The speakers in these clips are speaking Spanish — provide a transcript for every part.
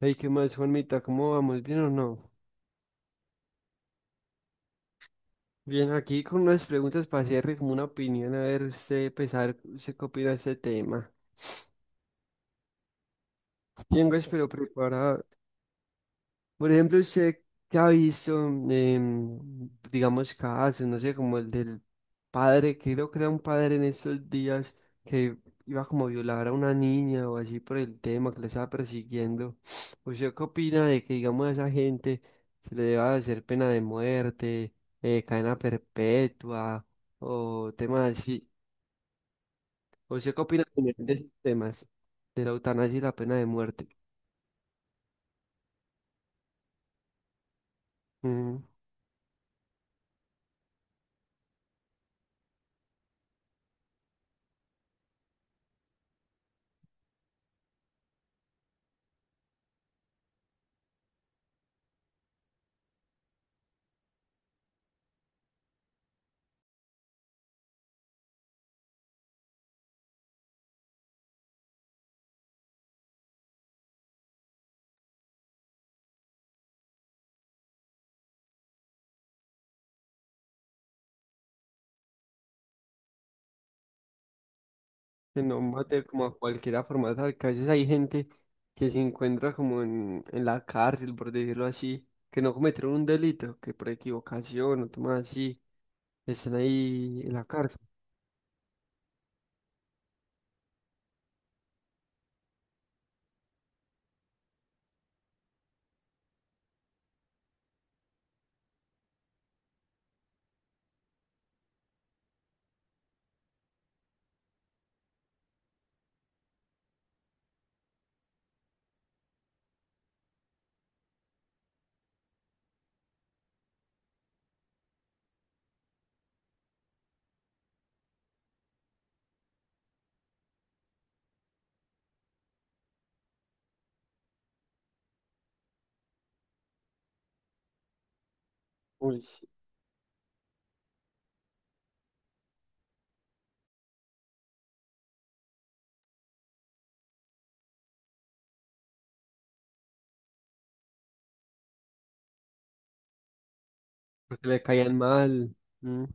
Hey, ¿qué más, Juanmita? ¿Cómo vamos? ¿Bien o no? Bien, aquí con unas preguntas para hacerle como una opinión, a ver usted, pesar, usted qué opina de este tema. Tengo, espero, preparada. Por ejemplo, usted que ha visto, digamos, casos, no sé, como el del padre, creo que era un padre en estos días que iba como a violar a una niña o así por el tema que le estaba persiguiendo. ¿Usted qué opina de que, digamos, a esa gente se le deba hacer pena de muerte, cadena perpetua o temas así? ¿Usted qué opina de esos temas de la eutanasia y la pena de muerte? Ujú. Que no mate como a cualquiera formato, que a veces hay gente que se encuentra como en la cárcel, por decirlo así, que no cometieron un delito, que por equivocación o temas así, están ahí en la cárcel, uy, sí, porque le caían mal, ¿no?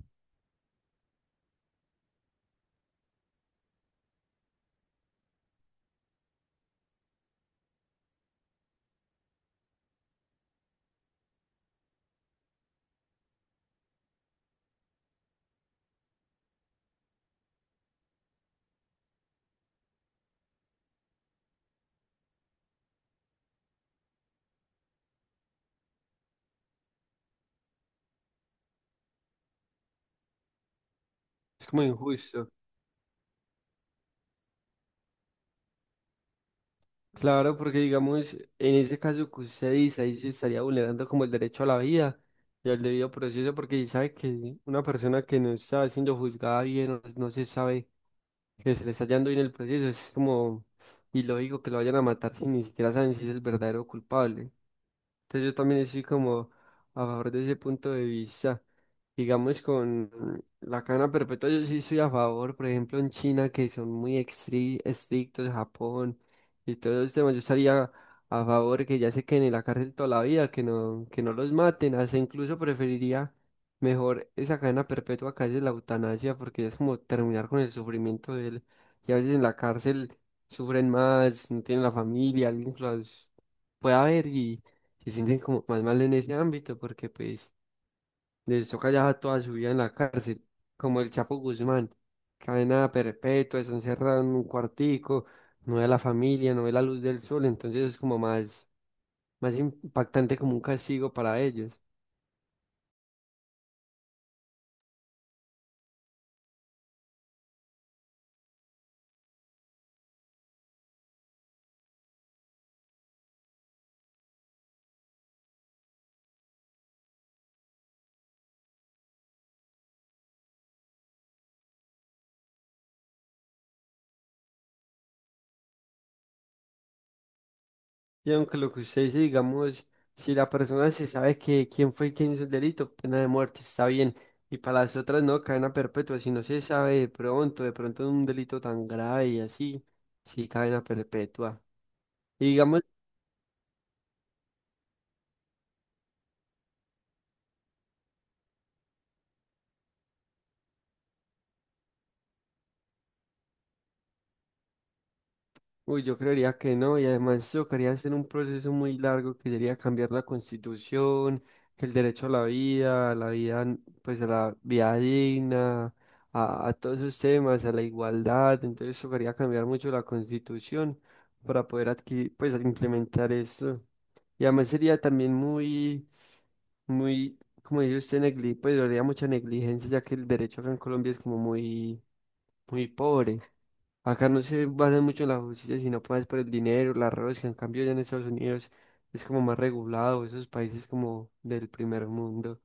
Es como injusto. Claro, porque digamos, en ese caso que usted dice, ahí se estaría vulnerando como el derecho a la vida y al debido proceso, porque sabe que una persona que no está siendo juzgada bien, o no se sabe que se le está hallando hoy en el proceso. Es como ilógico que lo vayan a matar si ni siquiera saben si es el verdadero culpable. Entonces yo también estoy como a favor de ese punto de vista. Digamos, con la cadena perpetua, yo sí estoy a favor, por ejemplo, en China, que son muy estrictos, Japón y todos esos temas, yo estaría a favor que ya se queden en la cárcel toda la vida, que no los maten, hasta incluso preferiría mejor esa cadena perpetua que a veces la eutanasia, porque es como terminar con el sufrimiento de él, y a veces en la cárcel sufren más, no tienen la familia, alguien que los pueda ver, se sienten como más mal en ese ámbito porque pues les toca ya toda su vida en la cárcel, como el Chapo Guzmán, cadena perpetua, están encerrado en un cuartico, no ve a la familia, no ve la luz del sol, entonces es como más, más impactante como un castigo para ellos. Y aunque lo que usted dice, digamos, si la persona se sabe que quién fue quien hizo el delito, pena de muerte, está bien. Y para las otras no, cadena perpetua, si no se sabe de pronto un delito tan grave y así, sí, cadena perpetua. Y digamos, uy, yo creería que no, y además tocaría hacer un proceso muy largo que sería cambiar la constitución, que el derecho a la vida, pues a la vida digna, a todos esos temas, a la igualdad, entonces tocaría cambiar mucho la constitución para poder adquirir, pues implementar eso. Y además sería también muy, muy, como dice usted, negli pues habría mucha negligencia, ya que el derecho acá en Colombia es como muy, muy pobre. Acá no se basan mucho en la justicia, sino pues por el dinero, las robas, que en cambio ya en Estados Unidos es como más regulado, esos países como del primer mundo.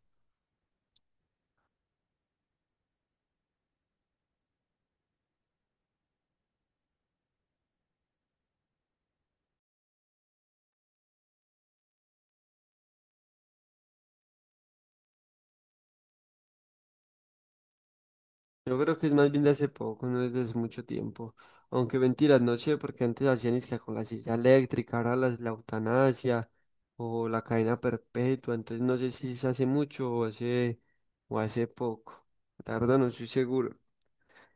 Yo creo que es más bien de hace poco, no es de hace mucho tiempo. Aunque mentiras, no sé, porque antes hacían es que con la silla eléctrica, ahora la eutanasia o la cadena perpetua, entonces no sé si se hace mucho o hace poco. La verdad no estoy seguro.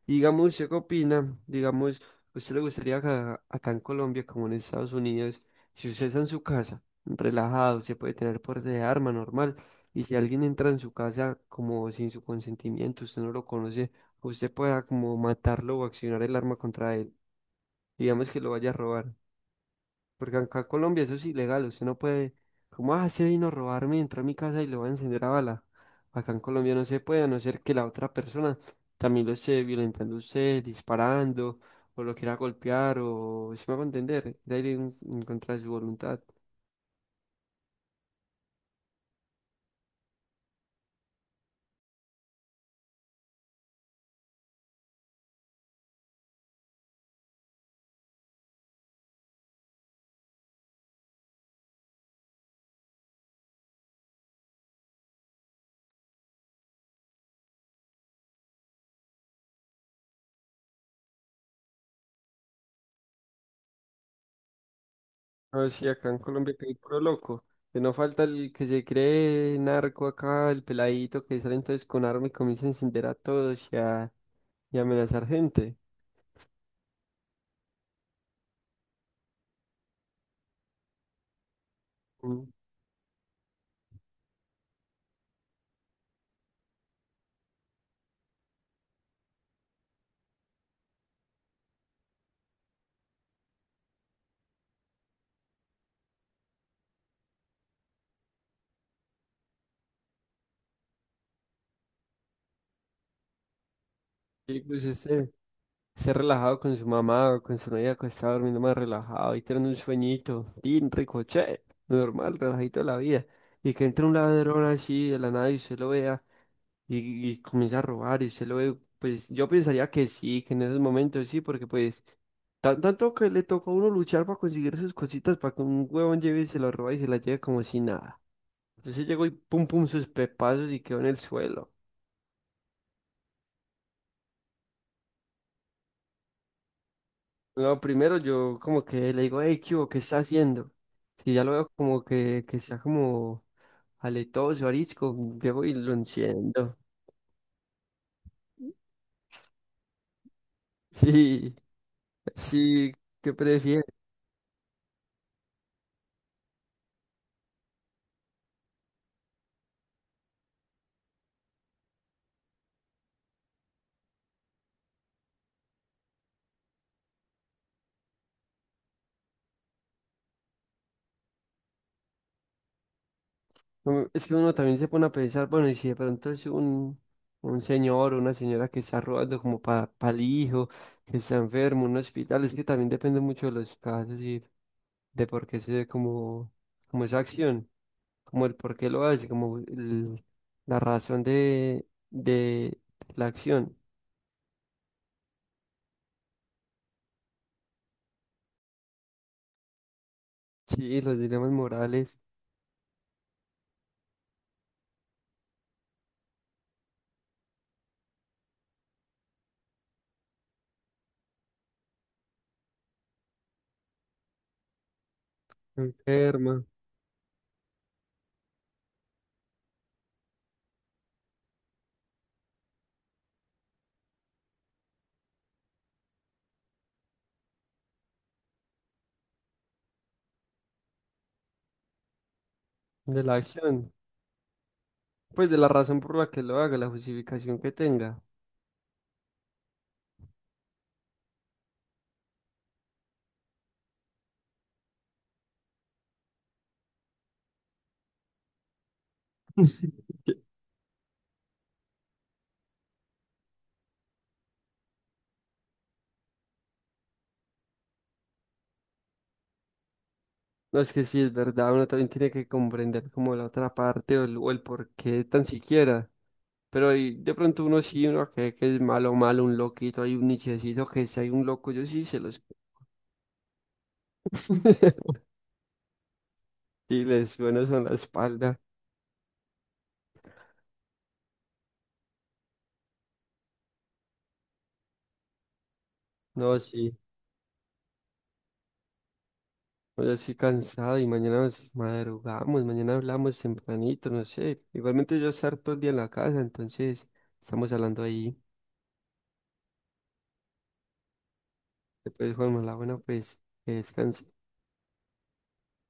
Y digamos, ¿usted qué opina? Digamos, ¿usted le gustaría acá, acá en Colombia, como en Estados Unidos, si usted está en su casa, relajado, se puede tener por de arma normal, y si alguien entra en su casa como sin su consentimiento, usted no lo conoce, usted pueda como matarlo o accionar el arma contra él, digamos que lo vaya a robar? Porque acá en Colombia eso es ilegal, usted no puede, ¿cómo ah, se vino a robarme? Entró a mi casa y lo va a encender a bala. Acá en Colombia no se puede, a no ser que la otra persona también lo esté violentando a usted, disparando, o lo quiera golpear, o si me hago entender, de ir en contra de su voluntad. No, sí, acá en Colombia que hay puro loco. Que no falta el que se cree narco acá, el peladito que sale entonces con arma y comienza a encender a todos y a amenazar gente. Mm. Y pues ese. Ser relajado con su mamá o con su novia, que está durmiendo más relajado y tener un sueñito, tin, rico, che, normal, relajito de la vida. Y que entre un ladrón así de la nada y usted lo vea y comienza a robar y usted lo ve, pues yo pensaría que sí, que en esos momentos sí, porque pues tanto que le tocó a uno luchar para conseguir sus cositas, para que un huevón lleve y se lo roba y se la lleve como si nada. Entonces llegó y pum pum sus pepazos y quedó en el suelo. No, primero yo como que le digo, hey, ¿qué hubo? ¿Qué está haciendo? Si ya lo veo como que está como aletoso, arisco, llego y lo enciendo. Sí, sí, ¿qué prefiere? Mm, es que uno también se pone a pensar, bueno, y si de pronto es un señor o una señora que está robando como para, el hijo, que está enfermo, un hospital, es que también depende mucho de los casos y de por qué se dé como, como esa acción. Como el por qué lo hace, como la razón de la acción. Sí, los dilemas morales enferma de la acción, pues de la razón por la que lo haga, la justificación que tenga. Que- no es que sí, es verdad, uno también tiene que comprender como la otra parte o el por qué tan siquiera. Pero ahí de pronto uno sí, uno que es malo, malo, un loquito, hay un nichecito que si hay un loco, yo sí se los... Y les sueno en la espalda. No, sí. Hoy así cansado y mañana nos madrugamos, mañana hablamos tempranito, no sé. Igualmente yo estar todo el día en la casa, entonces estamos hablando ahí. Después, Juanma, la buena, pues que descanse.